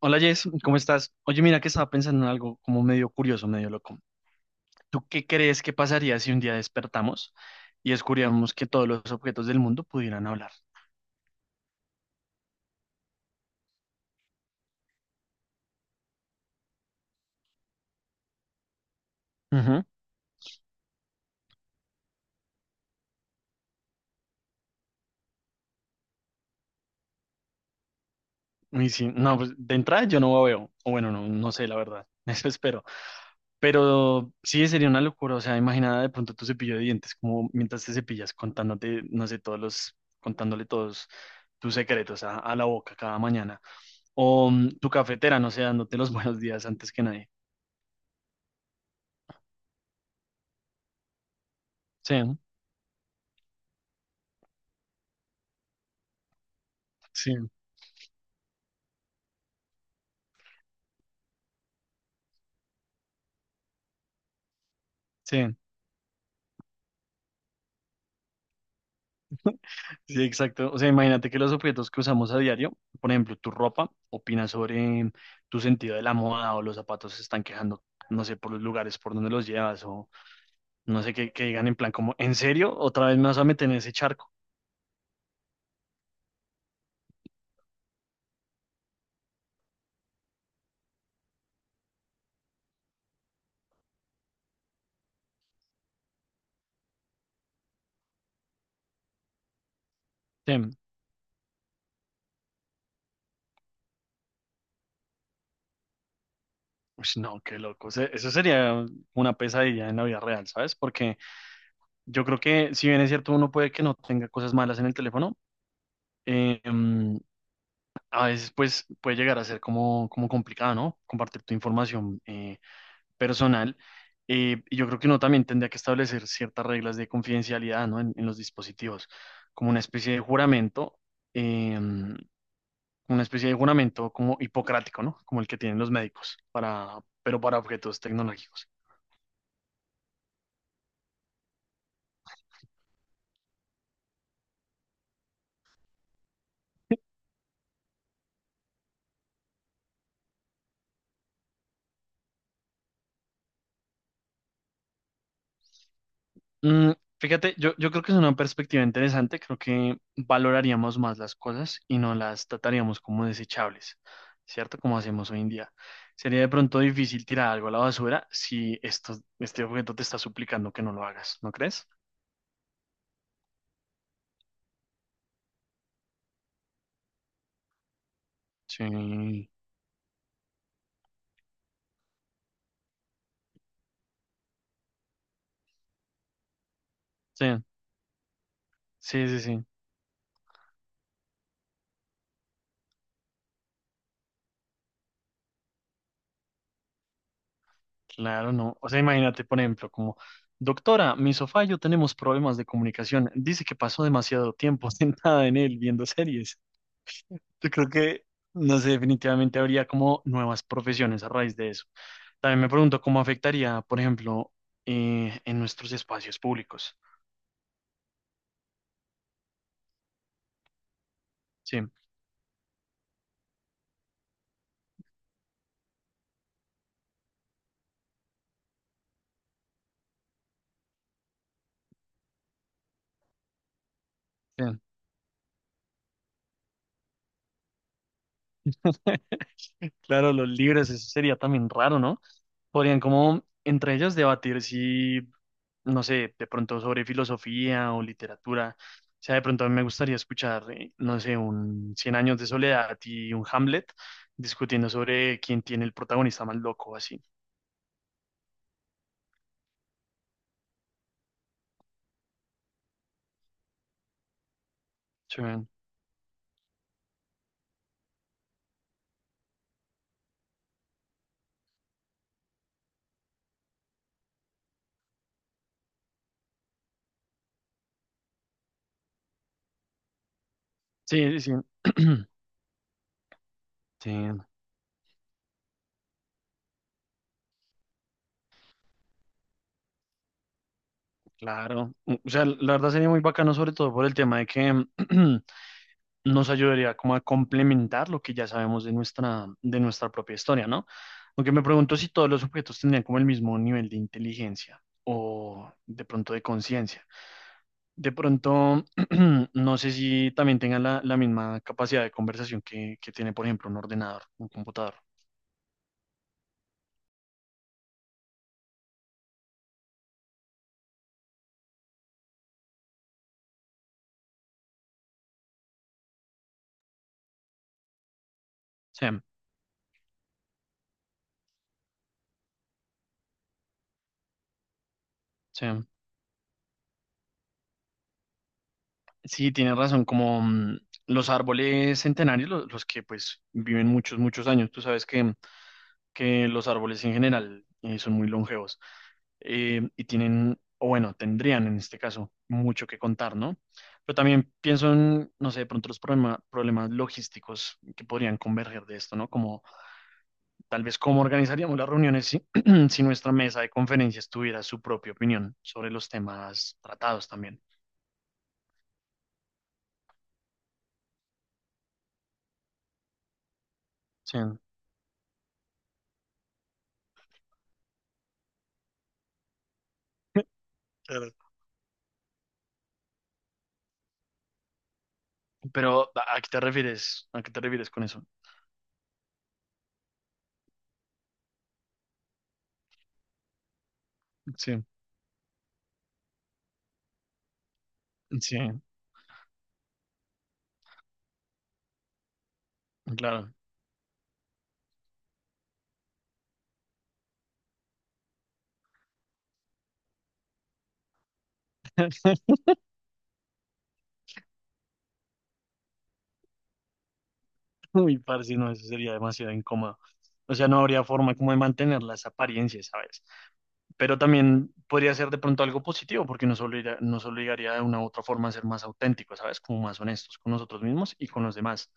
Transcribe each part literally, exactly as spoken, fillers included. Hola Jess, ¿cómo estás? Oye, mira que estaba pensando en algo como medio curioso, medio loco. ¿Tú qué crees que pasaría si un día despertamos y descubríamos que todos los objetos del mundo pudieran hablar? Ujú. Y si, no, pues de entrada yo no veo, o bueno, no, no sé la verdad, eso espero. Pero sí sería una locura, o sea, imagina de pronto tu cepillo de dientes, como mientras te cepillas contándote, no sé, todos los, contándole todos tus secretos a, a la boca cada mañana. O mm, tu cafetera, no sé, dándote los buenos días antes que nadie. Sí, sí. Sí, sí, exacto. O sea, imagínate que los objetos que usamos a diario, por ejemplo, tu ropa, opina sobre tu sentido de la moda o los zapatos se están quejando, no sé, por los lugares por donde los llevas o no sé, que, que digan en plan como, ¿en serio? ¿Otra vez me vas a meter en ese charco? Sí. Ush, no, qué loco. O sea, eso sería una pesadilla en la vida real, ¿sabes? Porque yo creo que si bien es cierto, uno puede que no tenga cosas malas en el teléfono, eh, em, a veces pues puede llegar a ser como, como complicado, ¿no? Compartir tu información eh, personal, eh, y yo creo que uno también tendría que establecer ciertas reglas de confidencialidad, ¿no? En, en los dispositivos, como una especie de juramento, eh, una especie de juramento como hipocrático, ¿no? Como el que tienen los médicos, para, pero para objetos tecnológicos. Mm, fíjate, yo, yo creo que es una perspectiva interesante. Creo que valoraríamos más las cosas y no las trataríamos como desechables, ¿cierto? Como hacemos hoy en día. Sería de pronto difícil tirar algo a la basura si esto, este objeto te está suplicando que no lo hagas, ¿no crees? Sí, sí, sí, sí, sí, claro, no. O sea, imagínate, por ejemplo, como, doctora, mi sofá y yo tenemos problemas de comunicación. Dice que pasó demasiado tiempo sentada en él viendo series. Yo creo que, no sé, definitivamente habría como nuevas profesiones a raíz de eso. También me pregunto cómo afectaría, por ejemplo, eh, en nuestros espacios públicos. Sí, bien. Claro, los libres, eso sería también raro, ¿no? Podrían como entre ellos debatir si, no sé, de pronto sobre filosofía o literatura. O sea, de pronto a mí me gustaría escuchar, eh, no sé, un Cien años de soledad y un Hamlet discutiendo sobre quién tiene el protagonista más loco, así. Sí, sí, sí. Sí. Sí, claro. Mm, o sea, la verdad sería muy bacano, sobre todo por el tema de que nos ayudaría como a complementar lo que ya sabemos de nuestra, de nuestra propia historia, ¿no? Aunque me pregunto si todos los objetos tendrían como el mismo nivel de inteligencia o de pronto de conciencia. De pronto, no sé si también tengan la, la misma capacidad de conversación que, que tiene, por ejemplo, un ordenador, un computador. Sí, sí. Sí, tienes razón, como mm, los árboles centenarios, lo- los, que pues viven muchos, muchos años. Tú sabes que, que los árboles en general eh, son muy longevos eh, y tienen, o bueno, tendrían en este caso mucho que contar, ¿no? Pero también pienso en, no sé, de pronto los problema- problemas logísticos que podrían converger de esto, ¿no? Como tal vez cómo organizaríamos las reuniones si, si nuestra mesa de conferencias tuviera su propia opinión sobre los temas tratados también. Sí. Pero, ¿a a qué te refieres? ¿A qué te refieres con eso? Sí, sí, claro. Uy, parce, no, eso sería demasiado incómodo. O sea, no habría forma como de mantener las apariencias, ¿sabes? Pero también podría ser de pronto algo positivo, porque nos obliga- nos obligaría de una u otra forma a ser más auténticos, ¿sabes? Como más honestos con nosotros mismos y con los demás.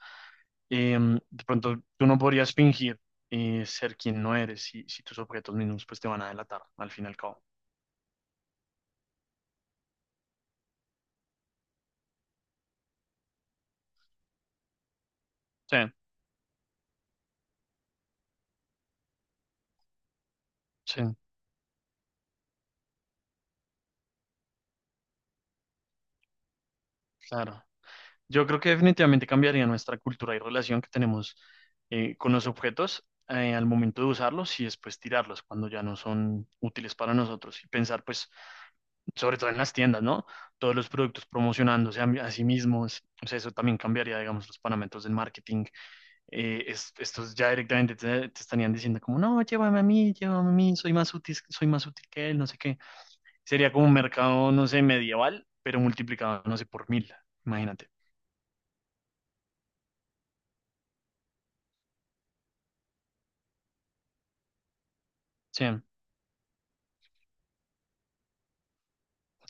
Em, de pronto, tú no podrías fingir eh, ser quien no eres si, si tus objetos mismos pues te van a delatar, al fin y al cabo. Sí, sí, claro. Yo creo que definitivamente cambiaría nuestra cultura y relación que tenemos eh, con los objetos eh, al momento de usarlos y después tirarlos cuando ya no son útiles para nosotros. Y pensar, pues, sobre todo en las tiendas, ¿no? Todos los productos promocionándose a, a sí mismos. O sea, eso también cambiaría, digamos, los parámetros del marketing. Eh, es- estos ya directamente te, te estarían diciendo como, no, llévame a mí, llévame a mí, soy más útil, soy más útil que él, no sé qué. Sería como un mercado, no sé, medieval, pero multiplicado, no sé, por mil. Imagínate. Sí,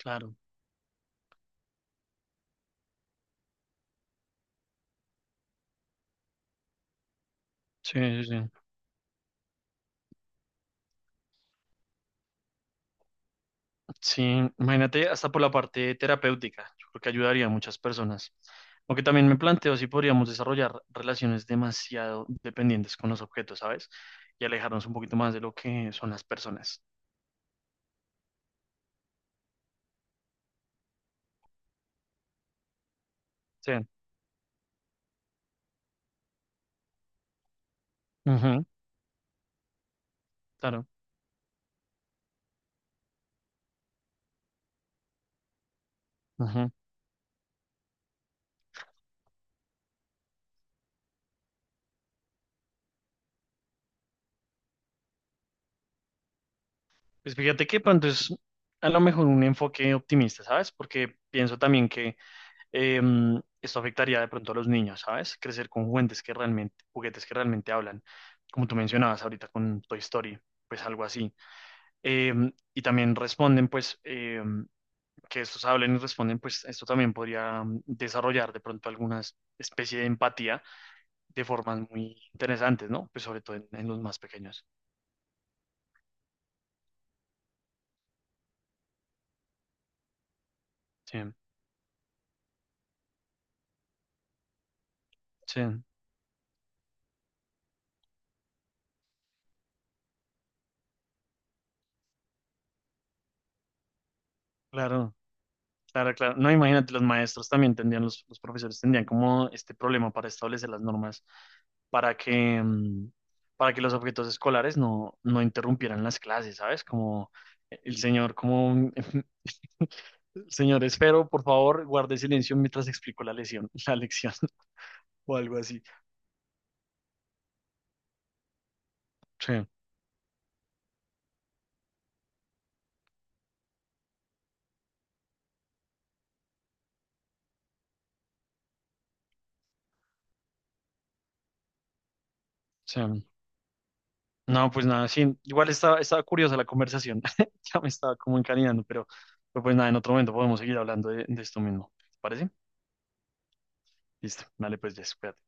claro. Sí, sí, sí. Sí, imagínate hasta por la parte terapéutica, yo creo que ayudaría a muchas personas. Aunque también me planteo si podríamos desarrollar relaciones demasiado dependientes con los objetos, ¿sabes? Y alejarnos un poquito más de lo que son las personas. Sí. Ujú, claro. Ujú. Pues fíjate que pronto es a lo mejor un enfoque optimista, ¿sabes? Porque pienso también que eh, esto afectaría de pronto a los niños, ¿sabes? Crecer con juguetes que realmente, juguetes que realmente hablan, como tú mencionabas ahorita con Toy Story, pues algo así. Eh, y también responden, pues, eh, que estos hablen y responden, pues esto también podría mm, desarrollar de pronto alguna especie de empatía de formas muy interesantes, ¿no? Pues sobre todo en, en los más pequeños. Sí, sí, claro. Claro, claro. No, imagínate, los maestros también tendrían, los, los profesores tendrían como este problema para establecer las normas para que, mm, para que los objetos escolares no, no interrumpieran las clases, ¿sabes? Como el señor, como señor Esfero, por favor, guarde silencio mientras explico la lección, la lección o algo así. Sí, sí. No, pues nada, sí. Igual estaba, estaba curiosa la conversación. Ya me estaba como encaminando, pero pero pues nada, en otro momento podemos seguir hablando de, de esto mismo. ¿Te parece? Listo, dale, pues ya, espérate.